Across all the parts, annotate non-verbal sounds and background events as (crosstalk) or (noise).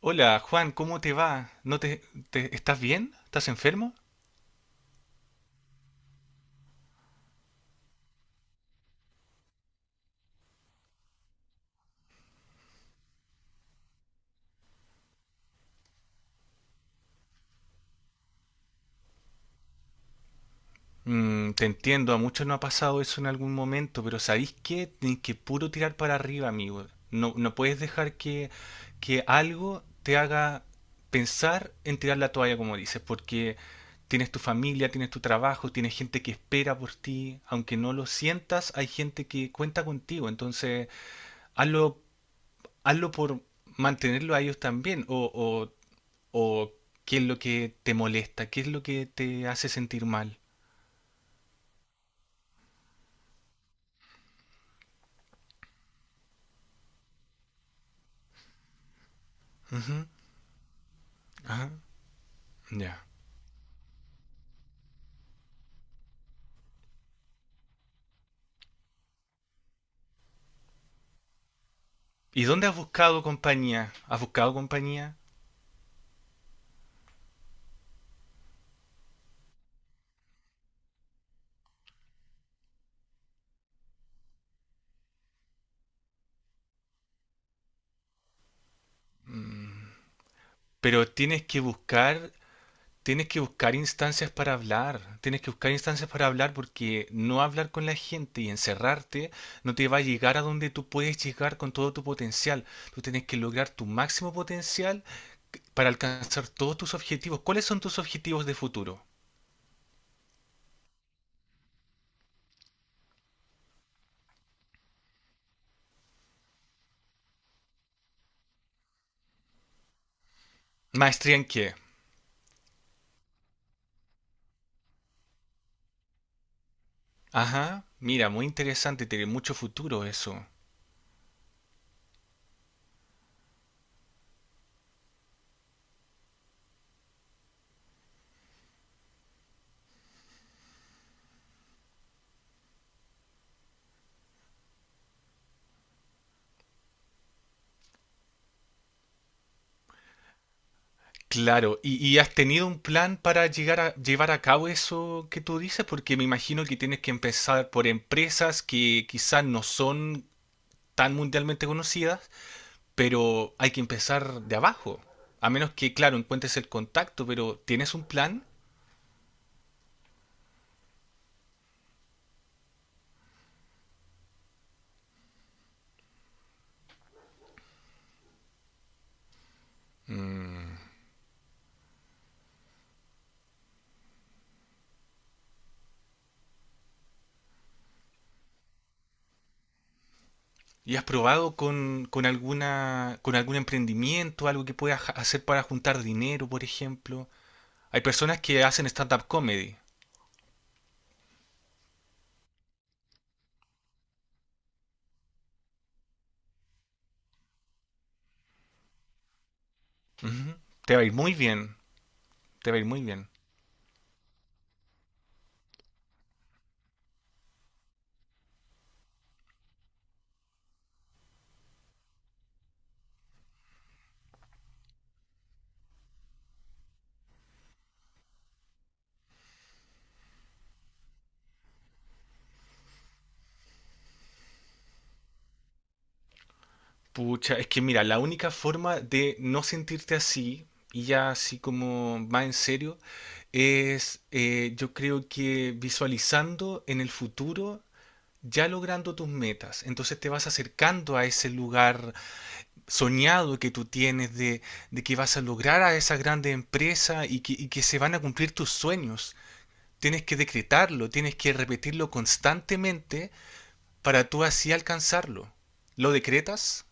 Hola, Juan, ¿cómo te va? ¿No te, estás bien? ¿Estás enfermo? Mm, te entiendo, a muchos no ha pasado eso en algún momento, pero ¿sabéis qué? Tienes que puro tirar para arriba, amigo. No, no puedes dejar que algo te haga pensar en tirar la toalla, como dices, porque tienes tu familia, tienes tu trabajo, tienes gente que espera por ti. Aunque no lo sientas, hay gente que cuenta contigo. Entonces, hazlo, hazlo por mantenerlo a ellos también. O qué es lo que te molesta, qué es lo que te hace sentir mal. Ujú, ajá, ya. ¿Y dónde has buscado compañía? ¿Has buscado compañía? Mm, pero tienes que buscar instancias para hablar, tienes que buscar instancias para hablar porque no hablar con la gente y encerrarte no te va a llegar a donde tú puedes llegar con todo tu potencial. Tú tienes que lograr tu máximo potencial para alcanzar todos tus objetivos. ¿Cuáles son tus objetivos de futuro? ¿Maestría en qué? Ajá, mira, muy interesante, tiene mucho futuro eso. Claro, ¿y has tenido un plan para llegar a llevar a cabo eso que tú dices? Porque me imagino que tienes que empezar por empresas que quizás no son tan mundialmente conocidas, pero hay que empezar de abajo. A menos que, claro, encuentres el contacto, pero ¿tienes un plan? Mm. ¿Y has probado con alguna, con algún emprendimiento, algo que puedas hacer para juntar dinero, por ejemplo? Hay personas que hacen stand-up comedy. Ujú. Te va a ir muy bien, te va a ir muy bien. Pucha, es que mira, la única forma de no sentirte así y ya así como más en serio es yo creo que visualizando en el futuro ya logrando tus metas. Entonces te vas acercando a ese lugar soñado que tú tienes de que vas a lograr a esa grande empresa y que se van a cumplir tus sueños. Tienes que decretarlo, tienes que repetirlo constantemente para tú así alcanzarlo. ¿Lo decretas?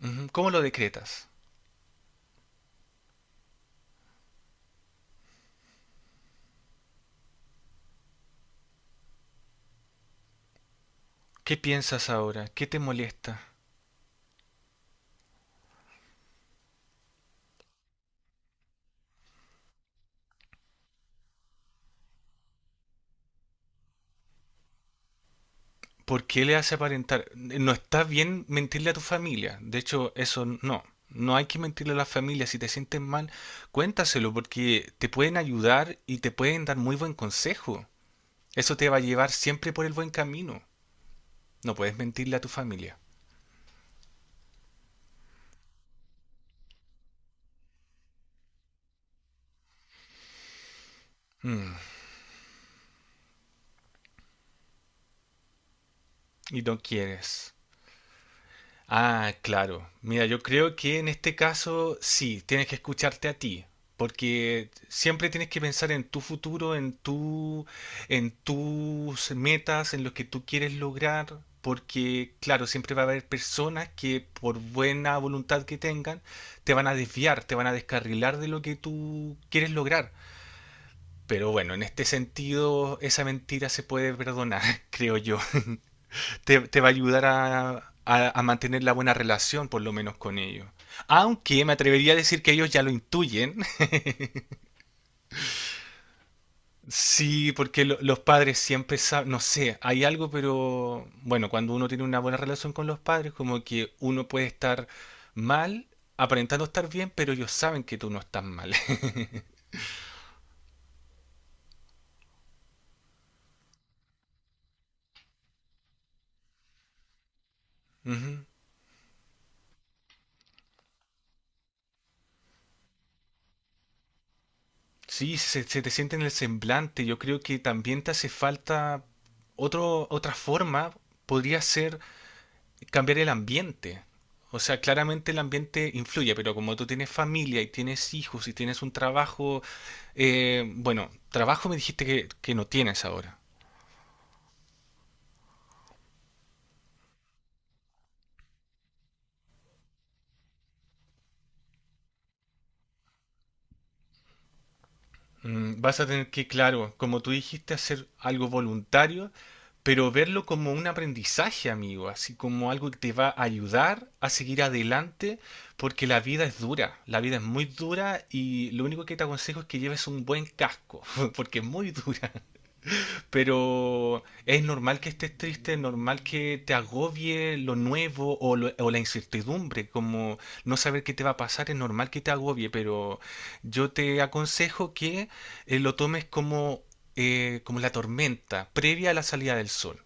Ujú. ¿Cómo lo decretas? ¿Cómo lo decretas? ¿Qué piensas ahora? ¿Qué te molesta? ¿Por qué le hace aparentar? No está bien mentirle a tu familia. De hecho, eso no. No hay que mentirle a la familia. Si te sientes mal, cuéntaselo porque te pueden ayudar y te pueden dar muy buen consejo. Eso te va a llevar siempre por el buen camino. No puedes mentirle a tu familia. Mm, y no quieres. Ah, claro. Mira, yo creo que en este caso sí, tienes que escucharte a ti, porque siempre tienes que pensar en tu futuro, en tu, en tus metas, en lo que tú quieres lograr, porque claro, siempre va a haber personas que por buena voluntad que tengan, te van a desviar, te van a descarrilar de lo que tú quieres lograr. Pero bueno, en este sentido, esa mentira se puede perdonar, (laughs) creo yo. Te va a ayudar a, a mantener la buena relación, por lo menos con ellos. Aunque me atrevería a decir que ellos ya lo intuyen. (laughs) Sí, porque los padres siempre saben, no sé, hay algo, pero bueno, cuando uno tiene una buena relación con los padres, como que uno puede estar mal, aparentando estar bien, pero ellos saben que tú no estás mal. (laughs) Ujú. Sí, se te siente en el semblante. Yo creo que también te hace falta otro, otra forma. Podría ser cambiar el ambiente. O sea, claramente el ambiente influye, pero como tú tienes familia y tienes hijos y tienes un trabajo, bueno, trabajo me dijiste que no tienes ahora. Mm, vas a tener que, claro, como tú dijiste, hacer algo voluntario, pero verlo como un aprendizaje, amigo, así como algo que te va a ayudar a seguir adelante, porque la vida es dura, la vida es muy dura y lo único que te aconsejo es que lleves un buen casco, (laughs) porque es muy dura. Pero es normal que estés triste, es normal que te agobie lo nuevo o, o la incertidumbre, como no saber qué te va a pasar, es normal que te agobie, pero yo te aconsejo que lo tomes como, como la tormenta previa a la salida del sol.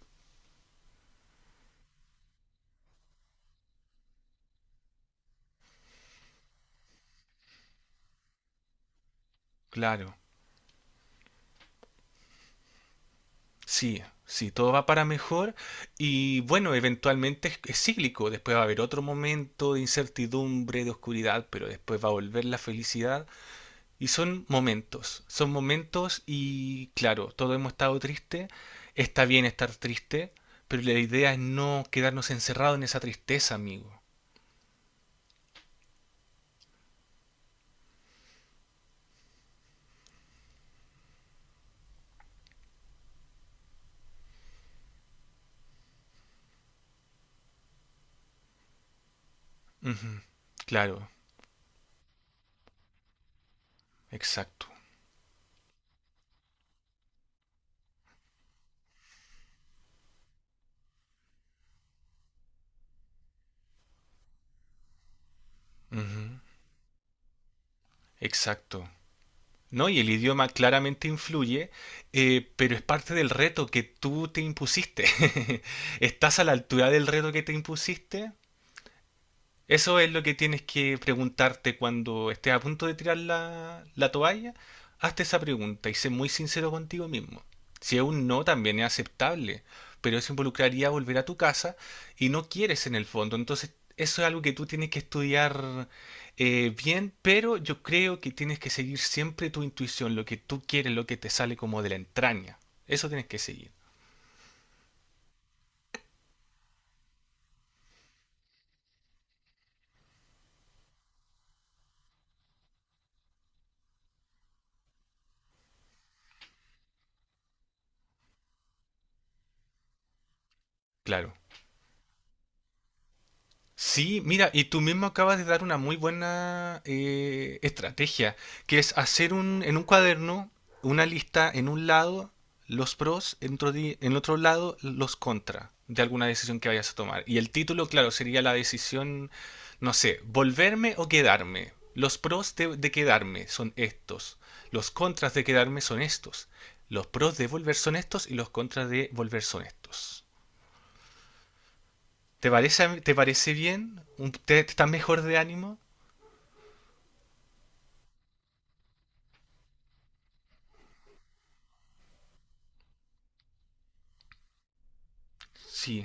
Claro, sí, sí, todo va para mejor y bueno, eventualmente es cíclico, después va a haber otro momento de incertidumbre, de oscuridad, pero después va a volver la felicidad. Y son momentos y claro, todos hemos estado tristes, está bien estar triste, pero la idea es no quedarnos encerrados en esa tristeza, amigo. Ujú, claro, exacto. Ujú, exacto. ¿No? Y el idioma claramente influye, pero es parte del reto que tú te impusiste. (laughs) ¿Estás a la altura del reto que te impusiste? Eso es lo que tienes que preguntarte cuando estés a punto de tirar la, la toalla. Hazte esa pregunta y sé muy sincero contigo mismo. Si es un no, también es aceptable, pero eso involucraría volver a tu casa y no quieres en el fondo. Entonces, eso es algo que tú tienes que estudiar bien, pero yo creo que tienes que seguir siempre tu intuición, lo que tú quieres, lo que te sale como de la entraña. Eso tienes que seguir, claro. Sí, mira, y tú mismo acabas de dar una muy buena estrategia, que es hacer un, en un cuaderno una lista en un lado, los pros, en otro, en otro lado, los contra de alguna decisión que vayas a tomar. Y el título, claro, sería la decisión, no sé, volverme o quedarme. Los pros de quedarme son estos, los contras de quedarme son estos, los pros de volver son estos y los contras de volver son estos. Te parece bien? ¿Te, te estás mejor de ánimo? Sí,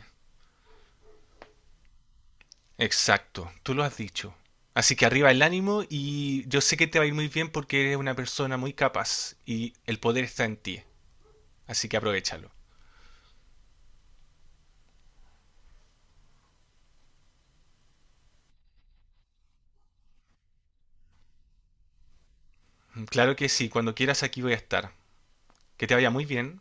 exacto, tú lo has dicho. Así que arriba el ánimo y yo sé que te va a ir muy bien porque eres una persona muy capaz y el poder está en ti. Así que aprovéchalo. Claro que sí, cuando quieras aquí voy a estar. Que te vaya muy bien.